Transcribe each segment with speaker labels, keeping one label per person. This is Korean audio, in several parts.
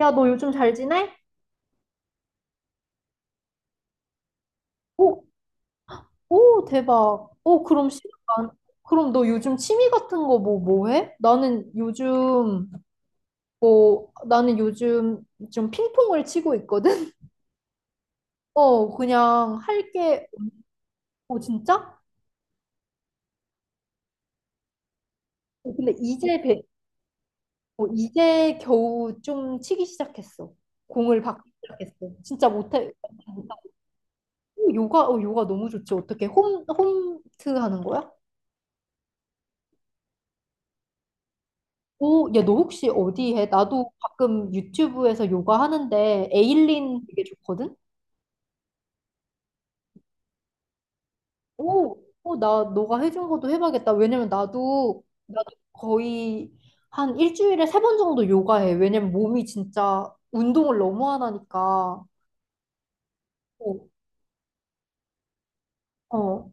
Speaker 1: 야, 너 요즘 잘 지내? 오, 오, 대박. 오, 그럼 시간, 많... 그럼 너 요즘 취미 같은 거 뭐 해? 나는 요즘, 뭐, 나는 요즘 좀 핑퐁을 치고 있거든? 어, 그냥 할 게, 오, 진짜? 어, 근데 이제 겨우 좀 치기 시작했어. 공을 받기 시작했어. 진짜 못해. 오, 요가, 요가 너무 좋지. 어떻게 홈트 하는 거야? 오, 야, 너 혹시 어디 해? 나도 가끔 유튜브에서 요가 하는데 에일린 되게 좋거든? 오, 오, 나 너가 해준 것도 해봐야겠다. 왜냐면 나도, 거의 한 일주일에 3번 정도 요가해. 왜냐면 몸이 진짜 운동을 너무 안 하니까. 오, 어,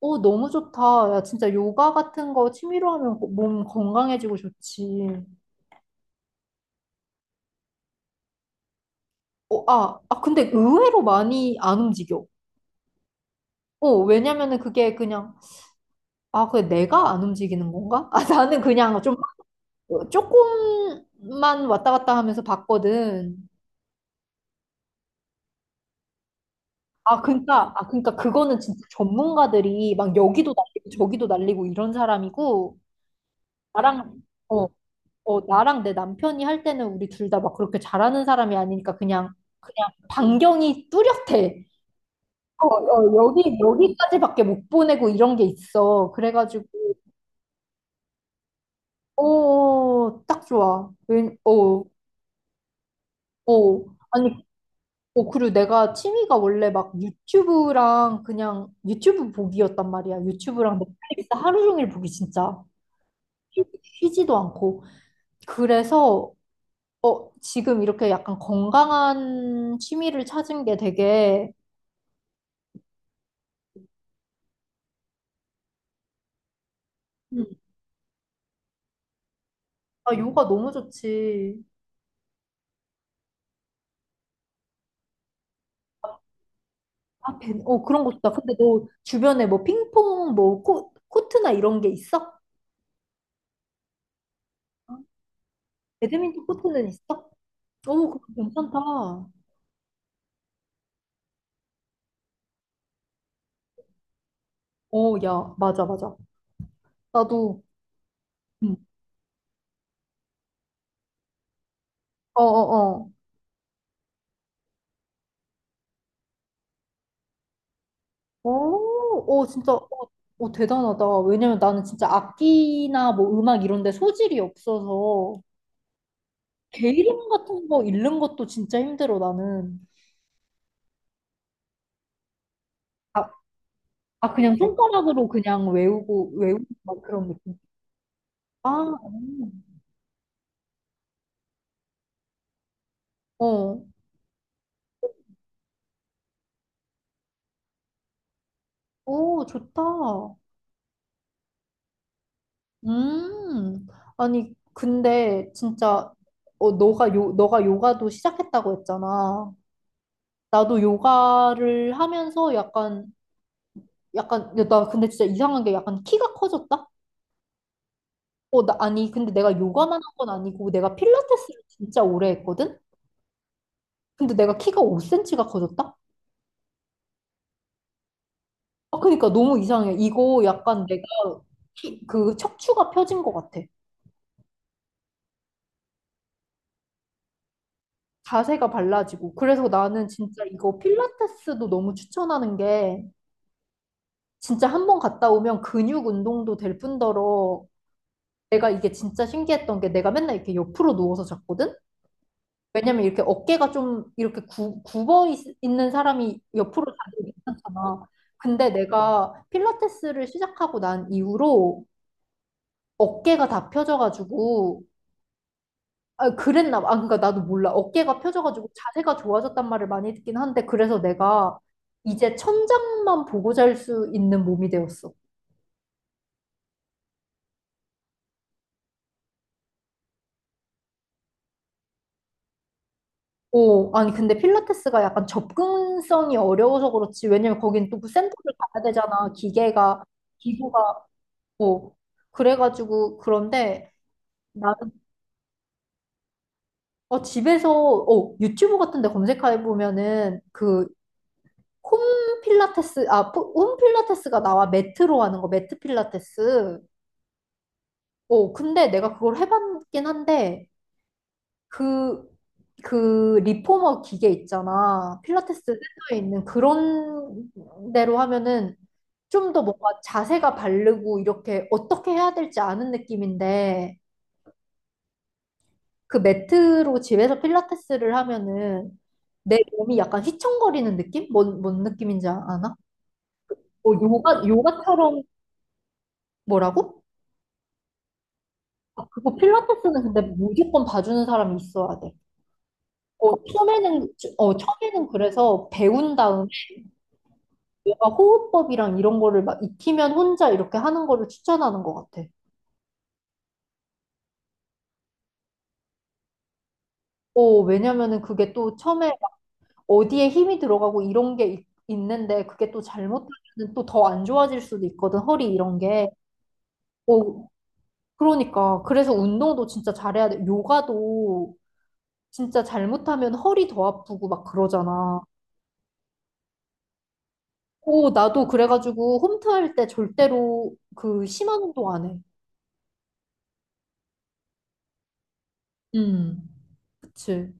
Speaker 1: 어, 너무 좋다. 야, 진짜 요가 같은 거 취미로 하면 몸 건강해지고 좋지. 어, 아, 아, 근데 의외로 많이 안 움직여. 어, 왜냐면은 그게 그냥 아, 그게 내가 안 움직이는 건가? 아, 나는 그냥 좀 조금만 왔다 갔다 하면서 봤거든. 아, 그러니까 그거는 진짜 전문가들이 막 여기도 날리고 저기도 날리고 이런 사람이고 나랑 어, 나랑 내 남편이 할 때는 우리 둘 다 막 그렇게 잘하는 사람이 아니니까 그냥 반경이 뚜렷해. 어, 어, 여기까지밖에 못 보내고 이런 게 있어. 그래가지고 오, 딱 좋아. 웬, 어, 어. 아니, 어, 그리고 내가 취미가 원래 막 유튜브랑 그냥 유튜브 보기였단 말이야. 유튜브랑 넷플릭스 하루 종일 보기 진짜 쉬지도 않고. 그래서 어, 지금 이렇게 약간 건강한 취미를 찾은 게 되게 음, 아, 요가 너무 좋지. 그런 것도 다. 근데 너 주변에 뭐 핑퐁 뭐 코트나 이런 게 있어? 배드민턴 코트는 있어? 오, 그거 괜찮다. 오, 야, 맞아, 맞아. 나도, 응. 어어어. 오, 오, 진짜, 오, 오, 대단하다. 왜냐면 나는 진짜 악기나 뭐 음악 이런 데 소질이 없어서 개 이름 같은 거 읽는 것도 진짜 힘들어, 나는. 아, 아, 그냥 손가락으로 그냥 외우고, 외우고 막 그런 느낌. 아, 음. 어, 오, 좋다. 음, 아니, 근데 진짜, 어, 너가 요가도 시작했다고 했잖아. 나도 요가를 하면서 약간 야, 나 근데 진짜 이상한 게 약간 키가 커졌다? 어, 나 아니 근데 내가 요가만 한 건 아니고 내가 필라테스를 진짜 오래 했거든? 근데 내가 키가 5cm가 커졌다? 아, 그러니까 너무 이상해. 이거 약간 내가 키, 그 척추가 펴진 것 같아. 자세가 발라지고. 그래서 나는 진짜 이거 필라테스도 너무 추천하는 게 진짜 한 번 갔다 오면 근육 운동도 될 뿐더러 내가 이게 진짜 신기했던 게 내가 맨날 이렇게 옆으로 누워서 잤거든? 왜냐면 이렇게 어깨가 좀 이렇게 굽어 있, 는 사람이 옆으로 자도 괜찮잖아. 근데 내가 필라테스를 시작하고 난 이후로 어깨가 다 펴져가지고 아, 그랬나 봐. 아, 그러니까 나도 몰라. 어깨가 펴져가지고 자세가 좋아졌단 말을 많이 듣긴 한데 그래서 내가 이제 천장만 보고 잘 수 있는 몸이 되었어. 오, 아니 근데 필라테스가 약간 접근성이 어려워서 그렇지. 왜냐면 거긴 또그 센터를 가야 되잖아. 기계가 기구가 어, 그래가지고, 그런데 나는, 어, 집에서, 어, 유튜브 같은 데 검색해보면은, 그, 홈 필라테스, 홈 필라테스가 나와. 매트로 하는 거, 매트 필라테스. 어, 근데 내가 그걸 해봤긴 한데, 그, 리포머 기계 있잖아. 필라테스 센터에 있는 그런 데로 하면은 좀 더 뭔가 자세가 바르고, 이렇게 어떻게 해야 될지 아는 느낌인데, 그 매트로 집에서 필라테스를 하면은 내 몸이 약간 휘청거리는 느낌? 뭔 느낌인지 아나? 뭐 요가, 요가처럼 뭐라고? 아, 그거 필라테스는 근데 무조건 봐주는 사람이 있어야 돼. 어, 처음에는 그래서 배운 다음에 요가 호흡법이랑 이런 거를 막 익히면 혼자 이렇게 하는 거를 추천하는 것 같아. 어, 왜냐면은 그게 또 처음에 어디에 힘이 들어가고 이런 게 있, 는데 그게 또 잘못하면 또 더 안 좋아질 수도 있거든, 허리 이런 게. 어, 그러니까. 그래서 운동도 진짜 잘해야 돼. 요가도 진짜 잘못하면 허리 더 아프고 막 그러잖아. 오, 나도 그래가지고 홈트 할 때 절대로 그 심한 운동 안 해. 음, 그치.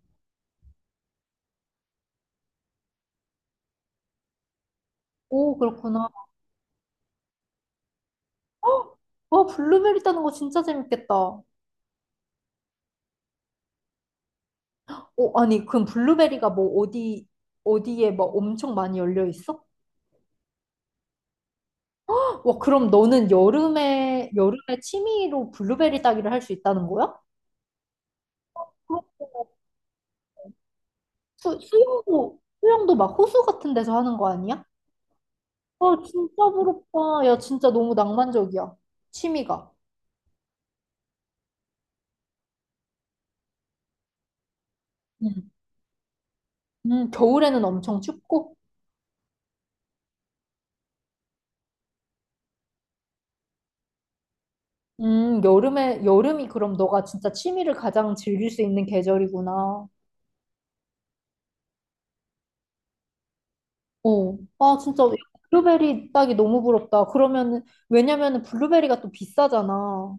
Speaker 1: 오, 그렇구나. 헉! 와, 블루베리 따는 거 진짜 재밌겠다. 오, 아니, 그럼 블루베리가 뭐 어디, 어디에 막 엄청 많이 열려 있어? 와, 그럼 너는 여름에 취미로 블루베리 따기를 할 수 있다는 거야? 수영도 막 호수 같은 데서 하는 거 아니야? 어, 진짜 부럽다. 야, 진짜 너무 낭만적이야. 취미가. 음. 겨울에는 엄청 춥고? 여름이 그럼 너가 진짜 취미를 가장 즐길 수 있는 계절이구나. 어. 아, 진짜 블루베리 따기 너무 부럽다. 그러면은, 왜냐면은 블루베리가 또 비싸잖아.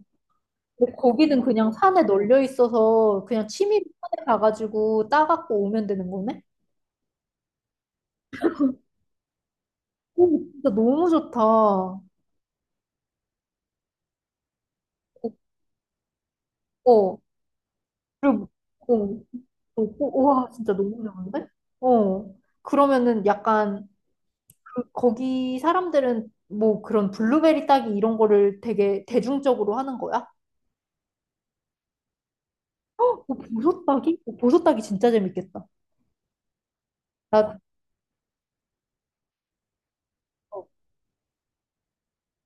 Speaker 1: 근데 거기는 그냥 산에 널려 있어서 그냥 취미로 산에 가가지고 따갖고 오면 되는 거네? 오, 진짜 너무 좋다. 어, 그리고, 어, 어, 어, 와, 진짜 너무 어려운데? 어, 그러면은 약간, 거기 사람들은 뭐 그런 블루베리 따기 이런 거를 되게 대중적으로 하는 거야? 어, 보석 따기? 어, 보석 따기 진짜 재밌겠다. 나, 어,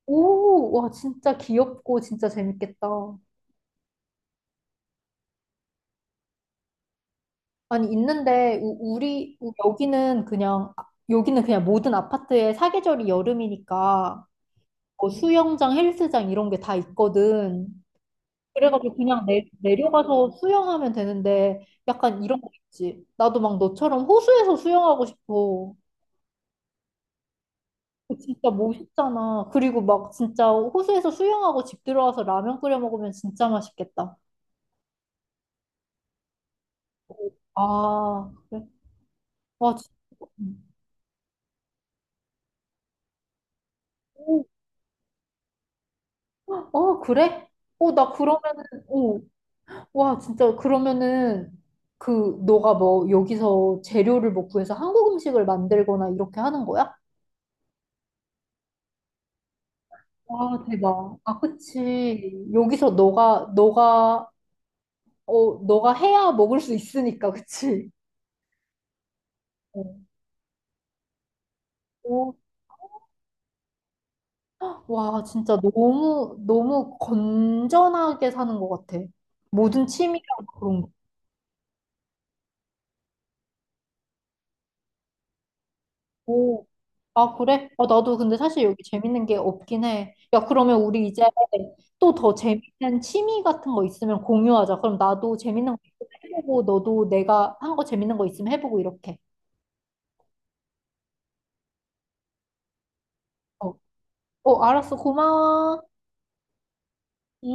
Speaker 1: 오, 와, 진짜 귀엽고 진짜 재밌겠다. 아니, 있는데, 우, 우리, 우- 여기는 그냥, 아, 여기는 그냥 모든 아파트에 사계절이 여름이니까, 뭐 수영장, 헬스장 이런 게 다 있거든. 그래가지고 그냥 내려가서 수영하면 되는데 약간 이런 거 있지. 나도 막 너처럼 호수에서 수영하고 싶어. 그 진짜 멋있잖아. 그리고 막 진짜 호수에서 수영하고 집 들어와서 라면 끓여 먹으면 진짜 맛있겠다. 아, 그래? 와, 진짜. 오, 어, 그래? 어, 나 그러면은, 오, 와, 진짜 그러면은 그 너가 뭐 여기서 재료를 뭐 구해서 한국 음식을 만들거나 이렇게 하는 거야? 와, 대박. 아, 그치. 여기서 너가 해야 먹을 수 있으니까, 그치? 어. 오, 와, 진짜 너무, 너무 건전하게 사는 것 같아. 모든 취미랑 그런 거. 오, 아, 그래? 아, 나도 근데 사실 여기 재밌는 게 없긴 해. 야, 그러면 우리 이제 또 더 재밌는 취미 같은 거 있으면 공유하자. 그럼 나도 재밌는 거 있으면 해보고, 너도 내가 한 거 재밌는 거 있으면 해보고, 이렇게. 어, 어, 알았어. 고마워. 응,